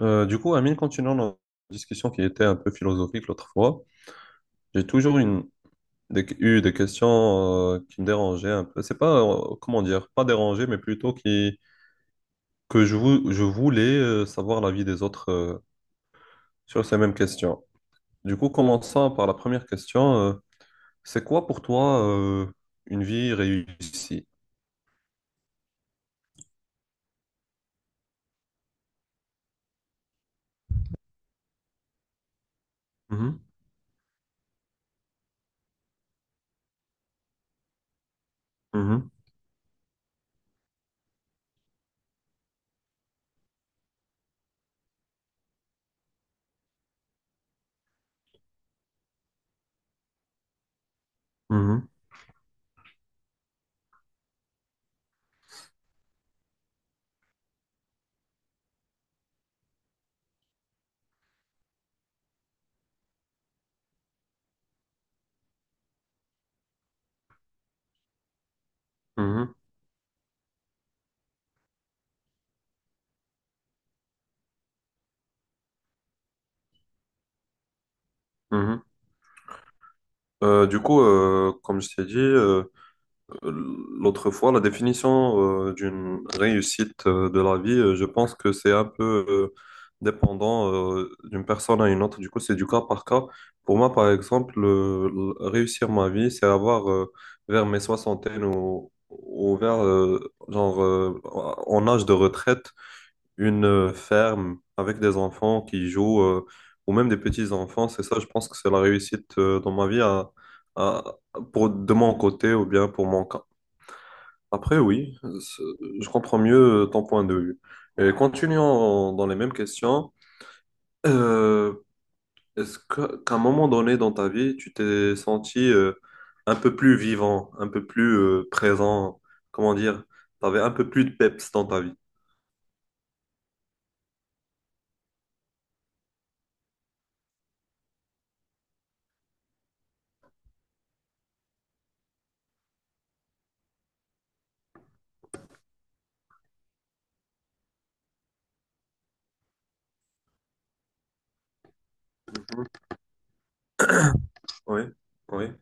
Du coup, Amine, continuant notre discussion qui était un peu philosophique l'autre fois. J'ai toujours une, des- eu des questions, qui me dérangeaient un peu. C'est pas, comment dire, pas dérangé, mais plutôt qui, que je, vou- je voulais, savoir l'avis des autres, sur ces mêmes questions. Du coup, commençant par la première question, c'est quoi pour toi, une vie réussie? Mhm, mhm, mhm, mhm, mhm. Du coup, comme je t'ai dit, l'autre fois, la définition, d'une réussite, de la vie, je pense que c'est un peu, dépendant, d'une personne à une autre. Du coup, c'est du cas par cas. Pour moi, par exemple, réussir ma vie, c'est avoir, vers mes soixantaines ou vers, genre, en âge de retraite, une, ferme avec des enfants qui jouent, ou même des petits-enfants. C'est ça, je pense que c'est la réussite, dans ma vie à- de mon côté ou bien pour mon cas. Après, oui, je comprends mieux, ton point de vue. Et continuons dans les mêmes questions. Euh, Est-ce que, qu'à un moment donné dans ta vie, tu t'es senti, un peu plus vivant, un peu plus, présent, comment dire, tu avais un peu plus de peps dans ta vie? Oui, oui.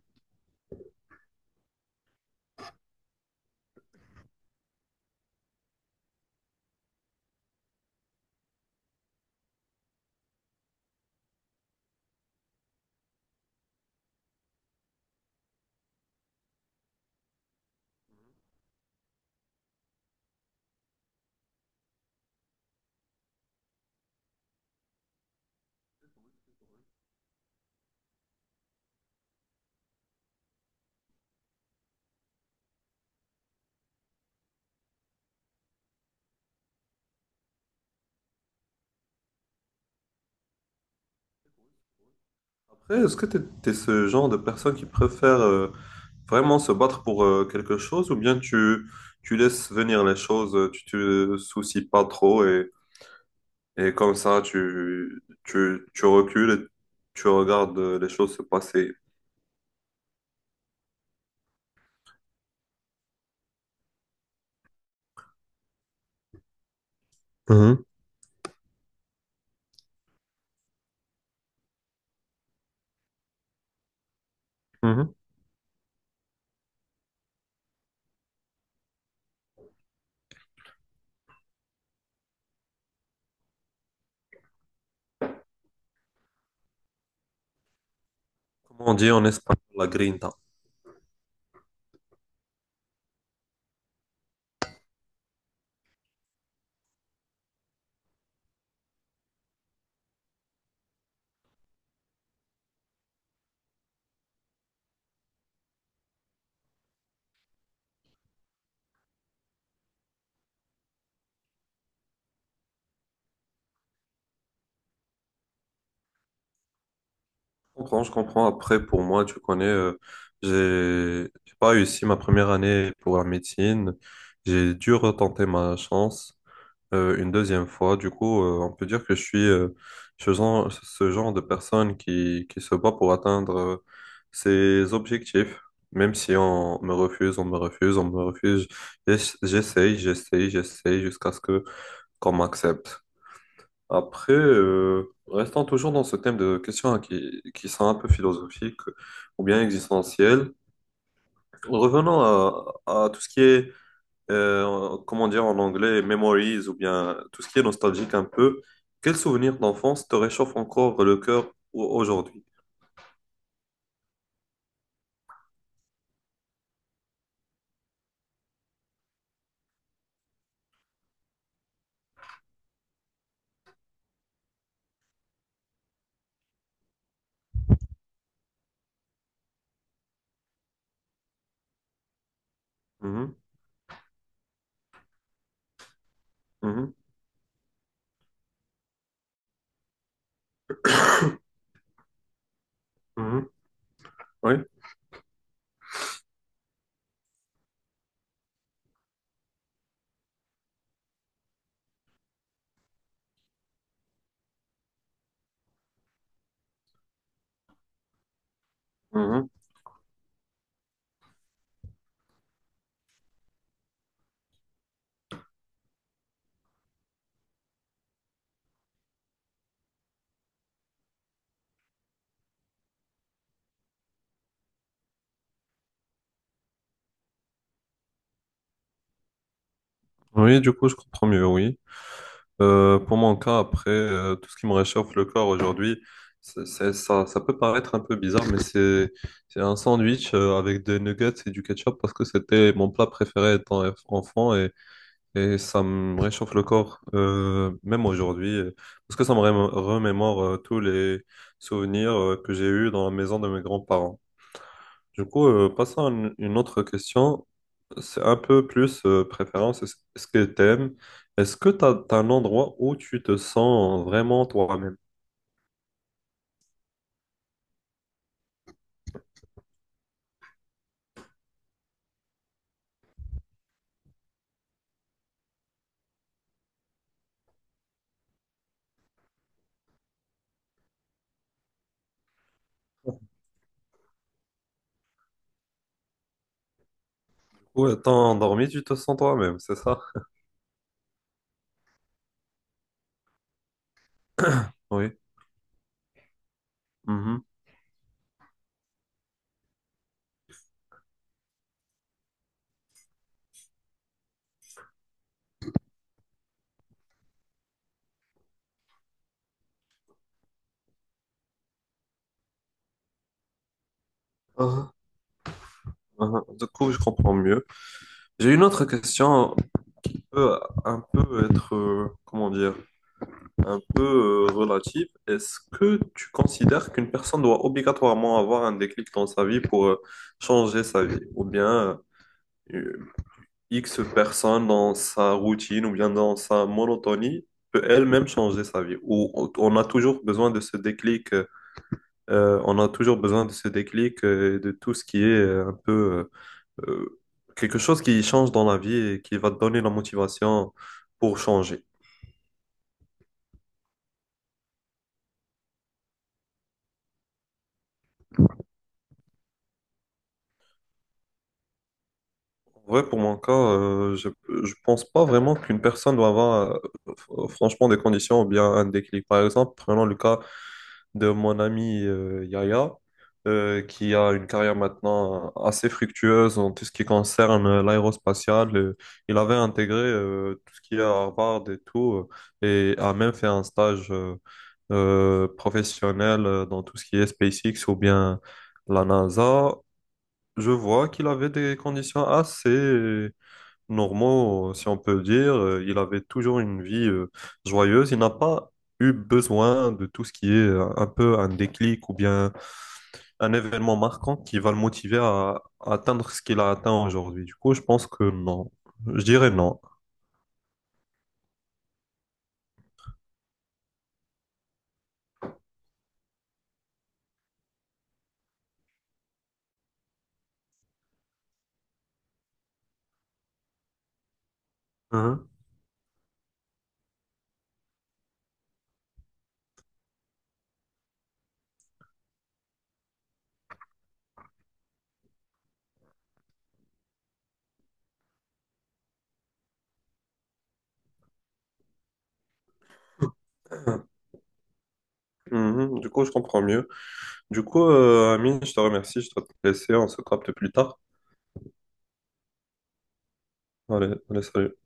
Après, est-ce que tu es ce genre de personne qui préfère, vraiment se battre pour, quelque chose, ou bien tu laisses venir les choses, tu te soucies pas trop. Et comme ça, tu recules et tu regardes, les choses se passer. Mhm, mhm. Comment on dit en espagnol la grinta? Je comprends, je comprends. Après, pour moi, tu connais, j'ai pas réussi ma première année pour la médecine. J'ai dû retenter ma chance. Une deuxième fois. Du coup, on peut dire que je suis, ce genre de personne qui se bat pour atteindre, ses objectifs. Même si on me refuse, on me refuse, on me refuse, j'essaye, j'essaye, j'essaye jusqu'à ce que qu'on m'accepte. Après, restant toujours dans ce thème de questions, hein, qui sont un peu philosophiques ou bien existentielles, revenons à tout ce qui est, comment dire en anglais, memories, ou bien tout ce qui est nostalgique un peu, quel souvenir d'enfance te réchauffe encore le cœur aujourd'hui? Mhm, mhm, mhm, oui, mhm. Oui, du coup, je comprends mieux, oui. Pour mon cas, après, tout ce qui me réchauffe le corps aujourd'hui, ça, ça peut paraître un peu bizarre, mais c'est un sandwich, avec des nuggets et du ketchup, parce que c'était mon plat préféré étant enfant. Et ça me réchauffe le corps, même aujourd'hui, parce que ça me remémore, tous les souvenirs, que j'ai eus dans la maison de mes grands-parents. Du coup, passons à une autre question. C'est un peu plus, préférence. Est-ce que t'aimes? Est-ce que t'as un endroit où tu te sens vraiment toi-même? Ou étant endormi, tu te sens toi-même, c'est ça? Oui. Mhm. Mhm. Mhm. Du coup, je comprends mieux. J'ai une autre question, peut un peu être, comment dire? Un peu, relative. Est-ce que tu considères qu'une personne doit obligatoirement avoir un déclic dans sa vie pour, changer sa vie? Ou bien euh, X personne dans sa routine ou bien dans sa monotonie peut elle-même changer sa vie? Ou on a toujours besoin de ce déclic, on a toujours besoin de ce déclic, et de tout ce qui est, un peu euh, euh, quelque chose qui change dans la vie et qui va te donner la motivation pour changer. Ouais, pour mon cas, je pense pas vraiment qu'une personne doit avoir franchement des conditions ou bien un déclic. Par exemple, prenons le cas de mon ami, Yaya, qui a une carrière maintenant assez fructueuse en tout ce qui concerne, l'aérospatiale. Il avait intégré, tout ce qui est à Harvard et tout, et a même fait un stage professionnel, dans tout ce qui est SpaceX ou bien la NASA. Je vois qu'il avait des conditions assez normaux, si on peut dire. Il avait toujours une vie, joyeuse. Il n'a pas eu besoin de tout ce qui est, un peu un déclic ou bien un événement marquant qui va le motiver à atteindre ce qu'il a atteint aujourd'hui. Du coup, je pense que non. Je dirais non. Mhm. Mhm. Du coup, je comprends mieux. Du coup, Amine, je te remercie. Je dois te laisser. On se capte plus tard. Allez, allez, salut.